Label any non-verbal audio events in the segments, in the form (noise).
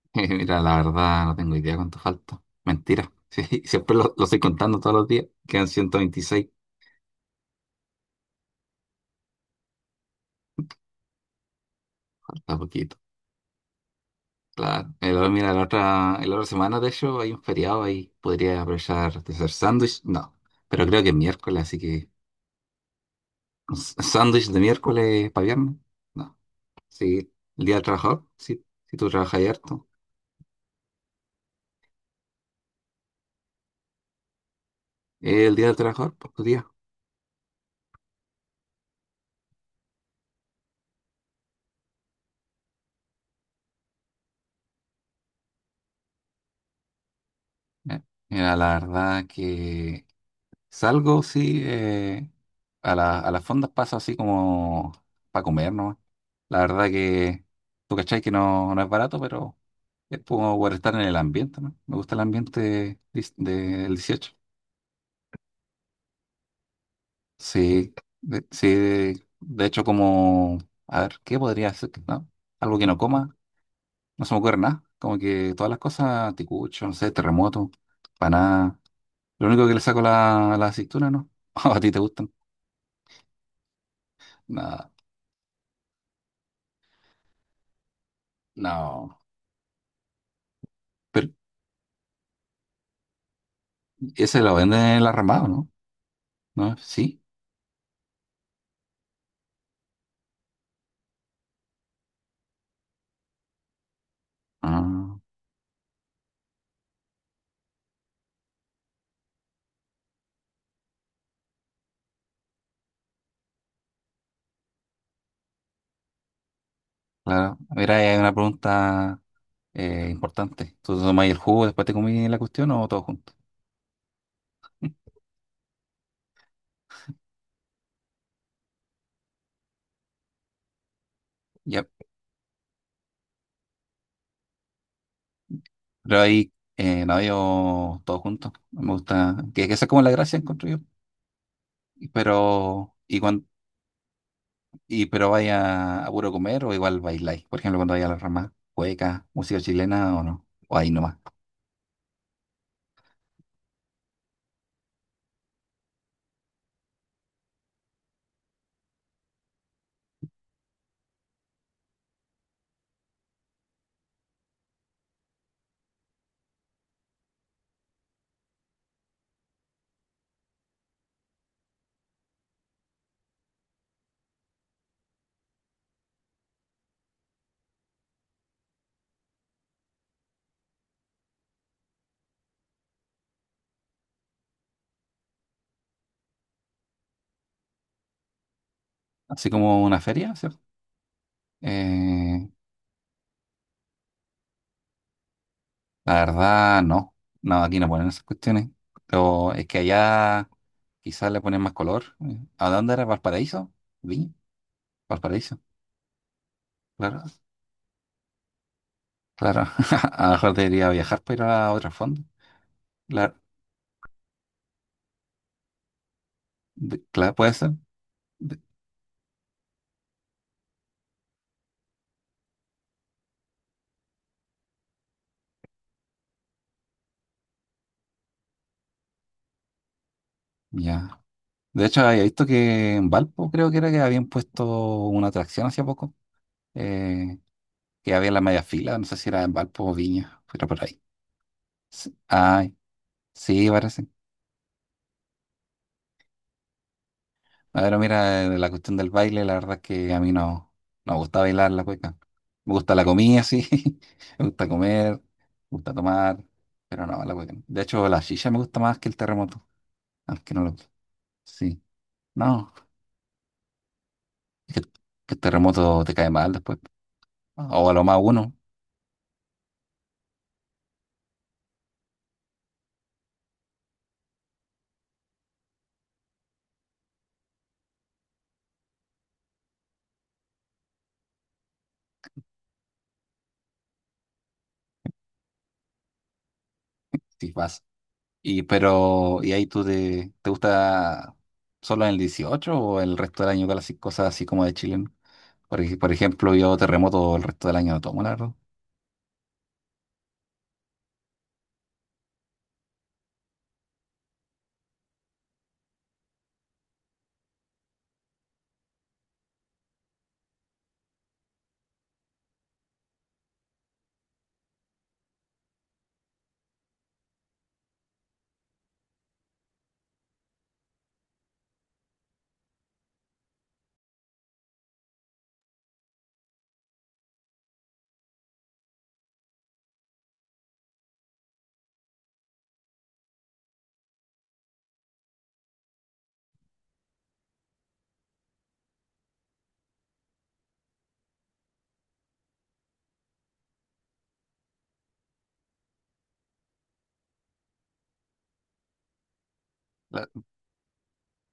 (laughs) Mira, la verdad no tengo idea cuánto falta. Mentira. (laughs) Sí, siempre lo estoy contando todos los días. Quedan 126. Falta poquito. Claro. Mira, la otra semana, de hecho, hay un feriado ahí. Podría aprovechar de hacer sándwich. No. Pero creo que es miércoles, así que (laughs) sándwich de miércoles para viernes. No. Sí. El día del trabajador. Sí. Si tú trabajas ahí harto. El día del trabajador, por tu día. Eh, Mira, la verdad que salgo, sí, a a las fondas paso así como para comer, ¿no? La verdad que tú cachai que no, no es barato, pero es como por estar en el ambiente, ¿no? Me gusta el ambiente del 18. Sí, de, sí, de hecho como, a ver, ¿qué podría ser? ¿No? Algo que no coma, no se me ocurre nada. Como que todas las cosas, ticucho, no sé, terremoto, nada. Lo único que le saco la aceituna, ¿no? (laughs) ¿A ti te gustan? Nada, no. Ese lo venden en el armado, ¿no? ¿No? Sí. Ah, claro. Mira, ahí hay una pregunta importante. ¿Tú te tomás el jugo después te comí la cuestión o todo junto? Ya. Pero ahí, no, yo todo junto. Me gusta. Que esa es como la gracia, encuentro yo. Y Pero, y cuando, y pero vaya a puro comer o igual bailáis. Por ejemplo, cuando vaya a la rama, cueca, música chilena o no. O ahí nomás. Así como una feria, ¿cierto? Eh, La verdad, no. No, aquí no ponen esas cuestiones. Pero es que allá quizás le ponen más color. ¿A dónde era? ¿Valparaíso? ¿Viña? ¿Valparaíso? Claro, claro. (laughs) A lo mejor debería viajar para ir a otro fondo. Claro. Claro, puede ser. De- Ya. De hecho, había visto que en Valpo creo que era que habían puesto una atracción hace poco. eh, que había en la media fila. No sé si era en Valpo o Viña. Pero por ahí. Sí. Ay, sí, parece. A ver, mira, la cuestión del baile, la verdad es que a mí no, no me gusta bailar la cueca. Me gusta la comida, sí. (laughs) Me gusta comer, me gusta tomar, pero no, la cueca. No. De hecho, la shisha me gusta más que el terremoto, aunque no lo... Sí, no, es que, que el terremoto te cae mal después. ¿No? O a lo más uno, si vas. Y pero, ¿y ahí tú te, te gusta solo en el 18 o el resto del año con las cosas así como de chileno? Por, por ejemplo, yo terremoto el resto del año no tomo, la verdad.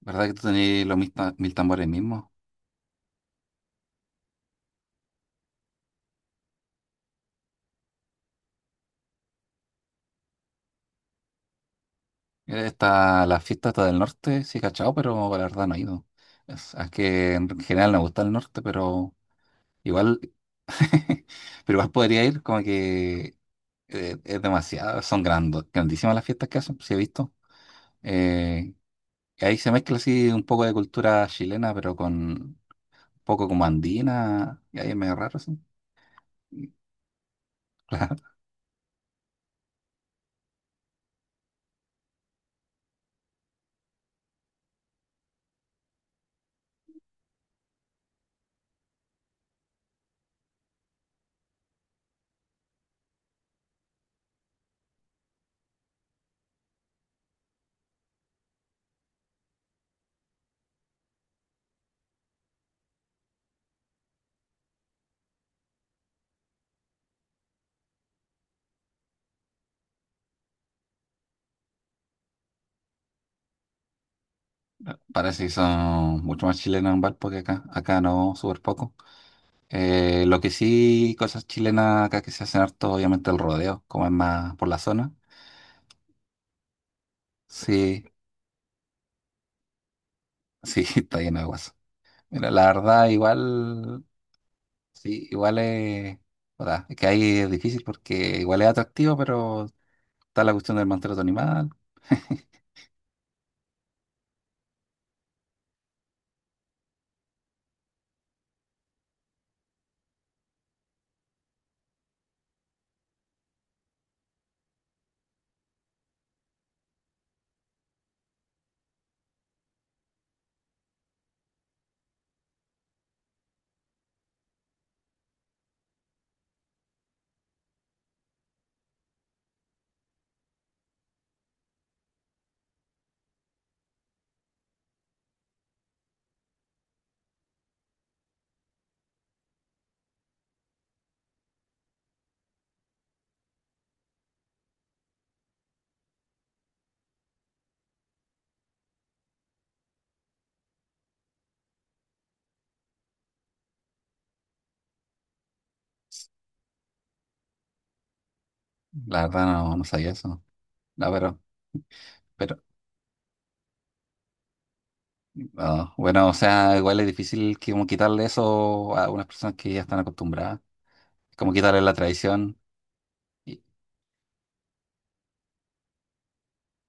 ¿Verdad que tú tenías los mil tambores mismos? Está la fiesta está del norte, sí, cachao, pero la verdad no he ido. Es que en general no me gusta el norte, pero igual, (laughs) pero igual podría ir, como que es demasiado, son grandes, grandísimas las fiestas que hacen, sí he visto. Eh, y ahí se mezcla así un poco de cultura chilena, pero con un poco como andina, y ahí es medio raro, sí. (laughs) Claro, parece que son mucho más chilenos en Valpo que acá, acá no, súper poco. Lo que sí, cosas chilenas acá que se hacen harto, obviamente el rodeo, como es más por la zona. Sí, sí, (laughs) está lleno de guaso. Mira, la verdad, igual, sí, igual es, o sea, es que ahí es difícil porque igual es atractivo, pero está la cuestión del maltrato animal. (laughs) La verdad no, no sabía eso. No, pero, no. Bueno, o sea, igual es difícil que como quitarle eso a unas personas que ya están acostumbradas. Como quitarle la tradición.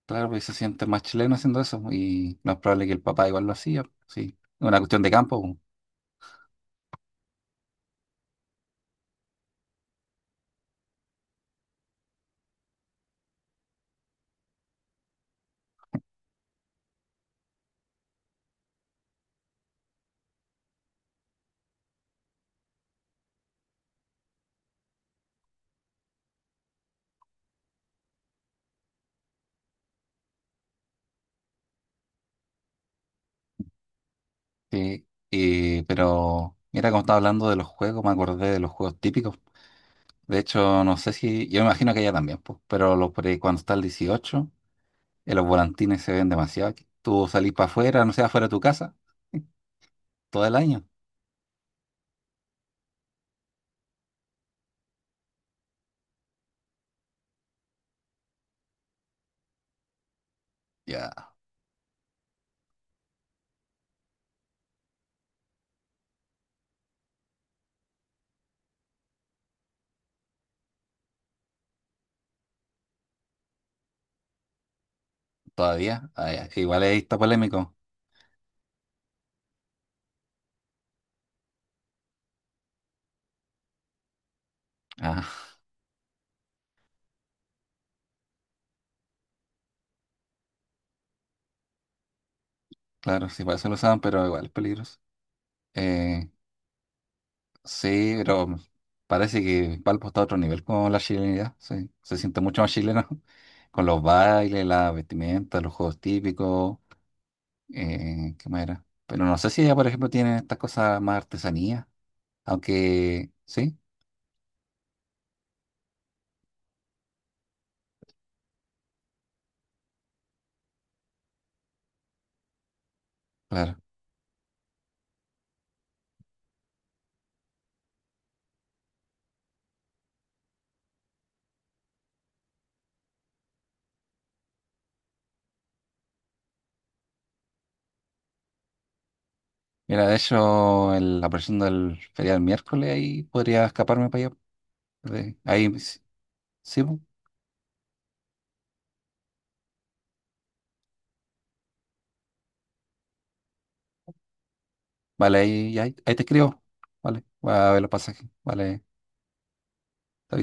Claro, pues se siente más chileno haciendo eso y no es probable que el papá igual lo hacía, sí, es una cuestión de campo, po. Sí, y- pero mira, como estaba hablando de los juegos, me acordé de los juegos típicos, de hecho no sé si, yo me imagino que allá también, pues, pero los, por ahí cuando está el 18, los volantines se ven demasiado, aquí. Tú salís para afuera, no sé, afuera de tu casa, sí, todo el año, ya, todavía. Ah, ya. Igual ahí está polémico, ah, claro, sí, para eso lo usaban, pero igual es peligroso. Eh, Sí, pero parece que Valpo está a otro nivel con la chilenidad, sí. Se siente mucho más chileno (laughs) con los bailes, la vestimenta, los juegos típicos, ¿qué más era? Pero no sé si ella, por ejemplo, tiene estas cosas más artesanía, aunque sí, claro. Mira, de hecho, la presión del feriado del miércoles, ahí podría escaparme para allá. Ahí, sí, sí, po. Vale, ahí, ahí, ahí te escribo, vale, voy a ver los pasajes, vale. Está